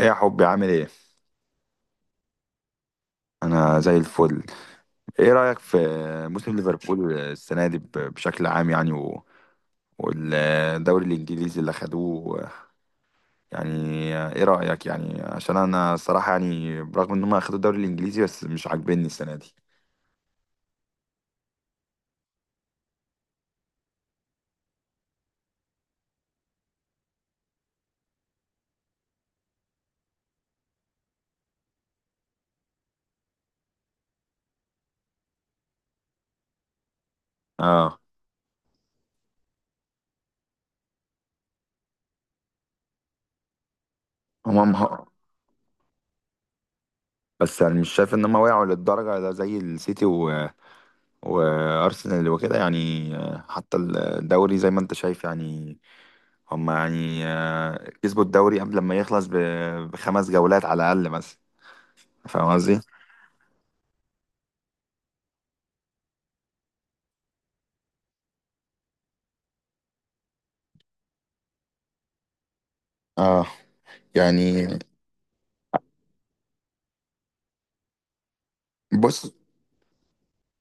ايه يا حبي، عامل ايه؟ انا زي الفل. ايه رأيك في موسم ليفربول السنة دي بشكل عام يعني والدوري الانجليزي اللي خدوه يعني؟ ايه رأيك يعني؟ عشان انا الصراحة يعني برغم ان هم اخدوا الدوري الانجليزي بس مش عاجبني السنة دي. اه. هم مه... بس يعني مش شايف ان هم وقعوا للدرجة ده زي السيتي وارسنال وكده يعني. حتى الدوري زي ما انت شايف، يعني هم يعني كسبوا الدوري قبل ما يخلص بخمس جولات على الأقل مثلا. فاهم قصدي؟ اه يعني، بص،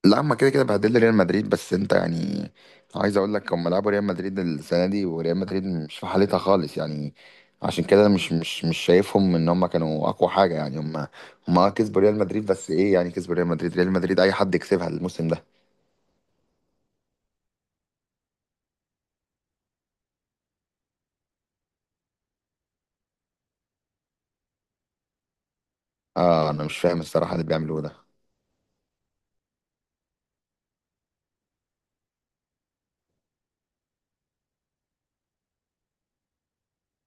لا هما كده كده بهدلوا ريال مدريد، بس انت يعني عايز اقول لك هما لعبوا ريال مدريد السنه دي، وريال مدريد مش في حالتها خالص يعني. عشان كده مش شايفهم ان هما كانوا اقوى حاجه، يعني هما كسبوا ريال مدريد، بس ايه يعني كسبوا ريال مدريد؟ ريال مدريد اي حد يكسبها الموسم ده. اه انا مش فاهم الصراحه اللي بيعملوه ده.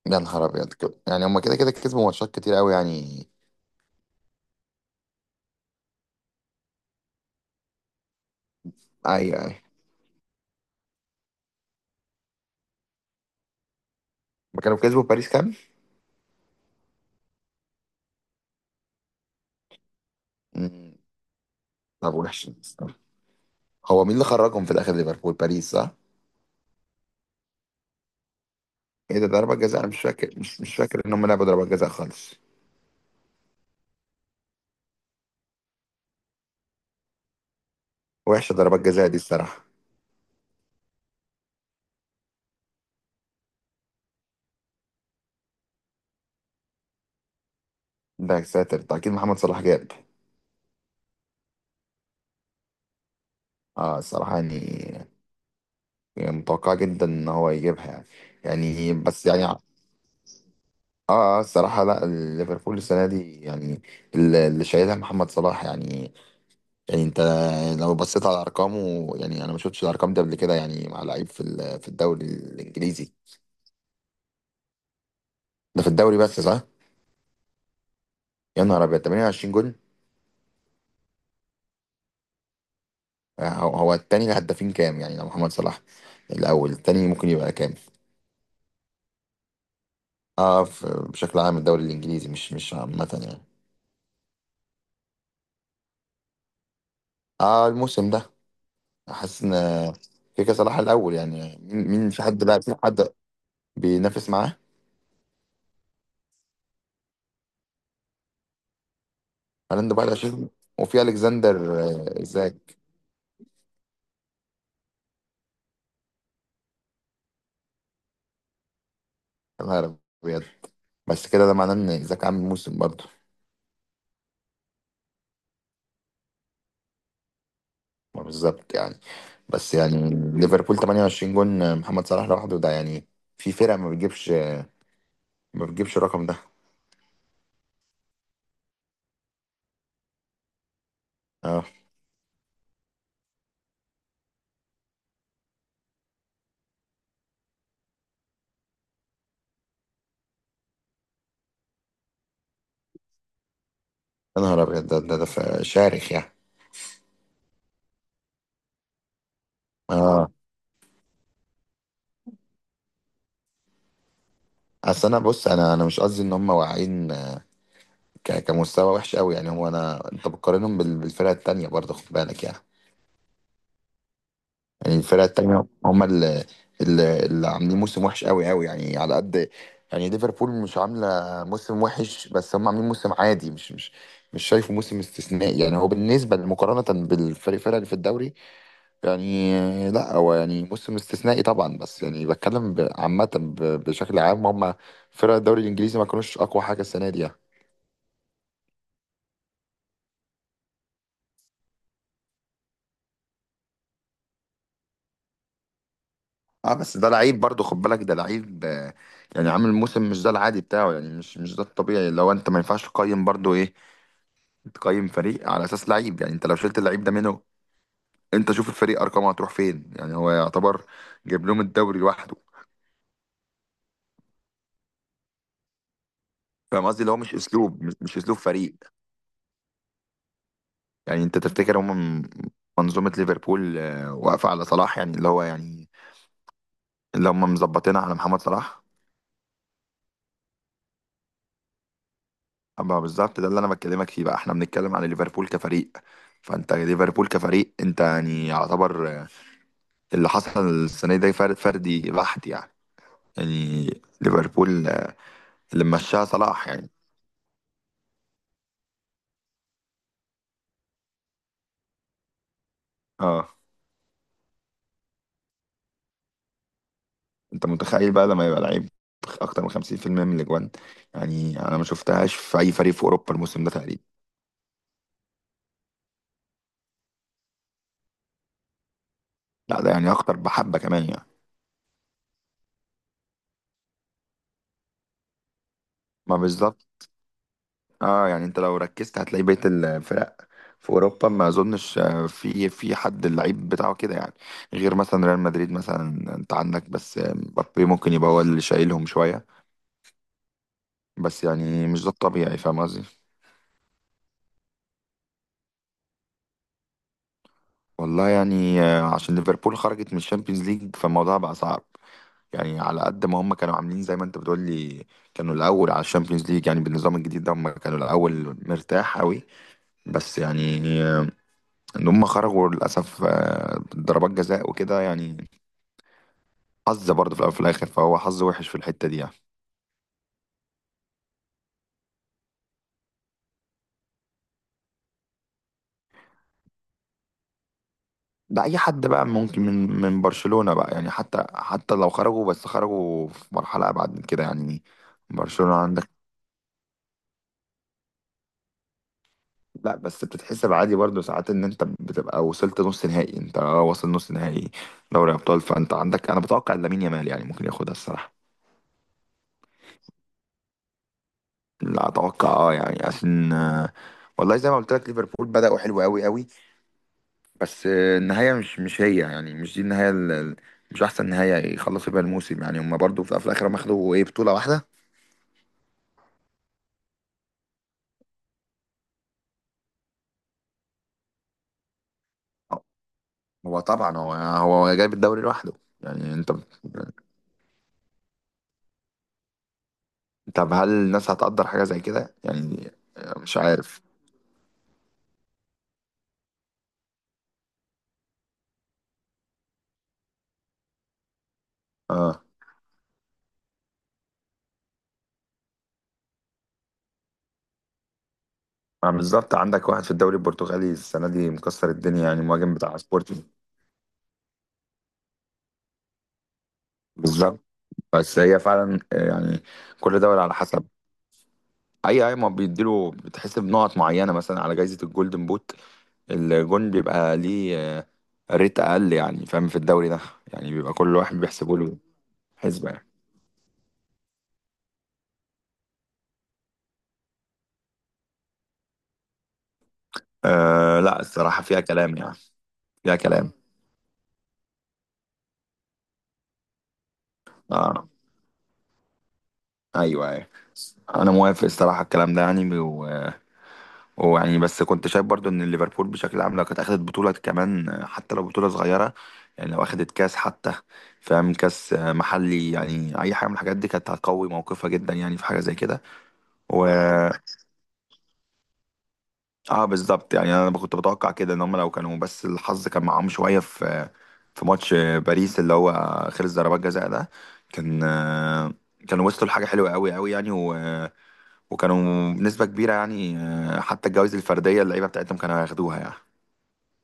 يا نهار ابيض، كده يعني هما كده كده كسبوا ماتشات كتير قوي يعني. ايوه، ايوه، ما كانوا كسبوا باريس كام؟ مم. طب وحش. هو مين اللي خرجهم في الاخر، ليفربول، باريس صح؟ ايه ده ضربات جزاء؟ انا مش فاكر، مش فاكر ان هم لعبوا ضربات جزاء خالص. وحشه ضربات جزاء دي الصراحه. ده يا ساتر ده اكيد محمد صلاح جاب. اه الصراحه يعني متوقع جدا ان هو يجيبها يعني. يعني بس يعني اه، اه الصراحه لا. ليفربول السنه دي يعني اللي شايلها محمد صلاح يعني. يعني انت لو بصيت على ارقامه، يعني انا ما شفتش الارقام دي قبل كده يعني مع لعيب في في الدوري الانجليزي. ده في الدوري بس، صح؟ يا نهار ابيض، 28 جول. هو، هو التاني الهدافين كام يعني لو محمد صلاح الاول؟ التاني ممكن يبقى كام؟ اه بشكل عام الدوري الانجليزي، مش عامه يعني. اه الموسم ده. حاسس ان كيكا صلاح الاول، يعني مين؟ في حد بقى؟ في حد بينافس معاه؟ هالاند ب 21، وفي الكسندر ازاك. يا نهار ابيض. بس كده ده معناه ان ايزاك عامل موسم برضه. ما بالظبط يعني. بس يعني ليفربول 28 جون محمد صلاح لوحده ده يعني، في فرق ما بتجيبش الرقم ده. اه، يا نهار ابيض، شارخ يعني. اه. اصل انا، بص، انا مش قصدي ان هم واقعين كمستوى وحش قوي يعني. هو انا، انت بتقارنهم بالفرق التانية برضه، خد بالك يعني. يعني الفرق التانية هم اللي عاملين موسم وحش قوي قوي يعني، على قد يعني. ليفربول مش عاملة موسم وحش، بس هم عاملين موسم عادي، مش شايفه موسم استثنائي يعني. هو بالنسبة مقارنة بالفريق، الفرق اللي في الدوري يعني. لا هو يعني موسم استثنائي طبعا، بس يعني بتكلم عامة، بشكل عام هم فرق الدوري الإنجليزي ما كانوش أقوى حاجة السنة دي يعني. اه بس ده لعيب برضه، خد بالك، ده لعيب يعني عامل موسم مش ده العادي بتاعه يعني. مش ده الطبيعي. لو انت، ما ينفعش تقيم برضه، ايه، تقيم فريق على اساس لعيب يعني. انت لو شلت اللعيب ده منه، انت شوف الفريق ارقامه هتروح فين يعني. هو يعتبر جايب لهم الدوري لوحده. فاهم قصدي، اللي هو مش اسلوب، مش اسلوب فريق. يعني انت تفتكر هم، منظومة ليفربول واقفة على صلاح، يعني اللي هو يعني اللي هم مظبطينها على محمد صلاح؟ أما بالظبط، ده اللي انا بكلمك فيه بقى. احنا بنتكلم على ليفربول كفريق، فانت ليفربول كفريق انت يعني يعتبر اللي حصل السنة دي فرد، فردي بحت يعني. يعني ليفربول اللي مشاها صلاح يعني. اه، انت متخيل بقى لما يبقى لعيب اكتر من 50% من الاجوان؟ يعني انا ما شفتهاش في اي فريق في اوروبا الموسم ده تقريبا. لا ده يعني اكتر بحبه كمان يعني. ما بالظبط. اه يعني، انت لو ركزت هتلاقي بقيه الفرق في اوروبا ما اظنش في حد اللعيب بتاعه كده يعني، غير مثلا ريال مدريد مثلا، انت عندك بس مبابي ممكن يبقى هو اللي شايلهم شويه. بس يعني مش ده الطبيعي، فاهم قصدي. والله يعني عشان ليفربول خرجت من الشامبيونز ليج فالموضوع بقى صعب يعني. على قد ما هم كانوا عاملين زي ما انت بتقول لي كانوا الاول على الشامبيونز ليج، يعني بالنظام الجديد ده هم كانوا الاول مرتاح قوي. بس يعني ان هم خرجوا للاسف ضربات جزاء وكده يعني. حظ برضه في الاول وفي الاخر، فهو حظ وحش في الحته دي يعني. ده اي حد بقى ممكن من برشلونه بقى يعني، حتى لو خرجوا، بس خرجوا في مرحله ابعد من كده يعني. برشلونه عندك. لا بس بتتحسب عادي برضه ساعات ان انت بتبقى وصلت نص نهائي، انت واصل نص نهائي دوري ابطال، فانت عندك انا بتوقع إن لامين يامال يعني ممكن ياخدها الصراحه. لا اتوقع، اه يعني عشان والله زي ما قلت لك ليفربول بدأوا حلو قوي قوي، بس النهايه مش هي يعني، مش دي النهايه، مش احسن نهايه يخلصوا بيها الموسم يعني. هم برضه في الاخر هم اخدوا ايه؟ بطوله واحده. هو طبعا هو هو جايب الدوري لوحده يعني. انت، طب هل الناس هتقدر حاجه زي كده يعني؟ مش عارف. آه، ما بالظبط. عندك واحد في الدوري البرتغالي السنة دي مكسر الدنيا يعني، مهاجم بتاع سبورتنج. بالظبط. بس هي فعلا يعني كل دوري على حسب. اي ما بيديله، بتحسب نقط معينة مثلا على جائزة الجولدن بوت. الجون بيبقى ليه ريت اقل يعني، فاهم، في الدوري ده يعني بيبقى كل واحد بيحسبوا له حسبة يعني. أه لا الصراحة فيها كلام يعني. فيها كلام. اه، ايوه، ايوه، انا موافق الصراحة الكلام ده يعني. ويعني بس كنت شايف برضو ان ليفربول بشكل عام لو كانت اخدت بطوله كمان، حتى لو بطوله صغيره يعني، لو اخدت كاس حتى، فاهم، كاس محلي يعني، اي حاجه من الحاجات دي كانت هتقوي موقفها جدا يعني في حاجه زي كده. و اه بالظبط يعني، انا كنت بتوقع كده ان هم لو كانوا بس الحظ كان معاهم شويه في ماتش باريس اللي هو خلص ضربات جزاء ده، كان كانوا وصلوا لحاجه حلوه قوي قوي يعني، وكانوا بنسبه كبيره يعني حتى الجوائز الفرديه اللعيبه بتاعتهم كانوا هياخدوها يعني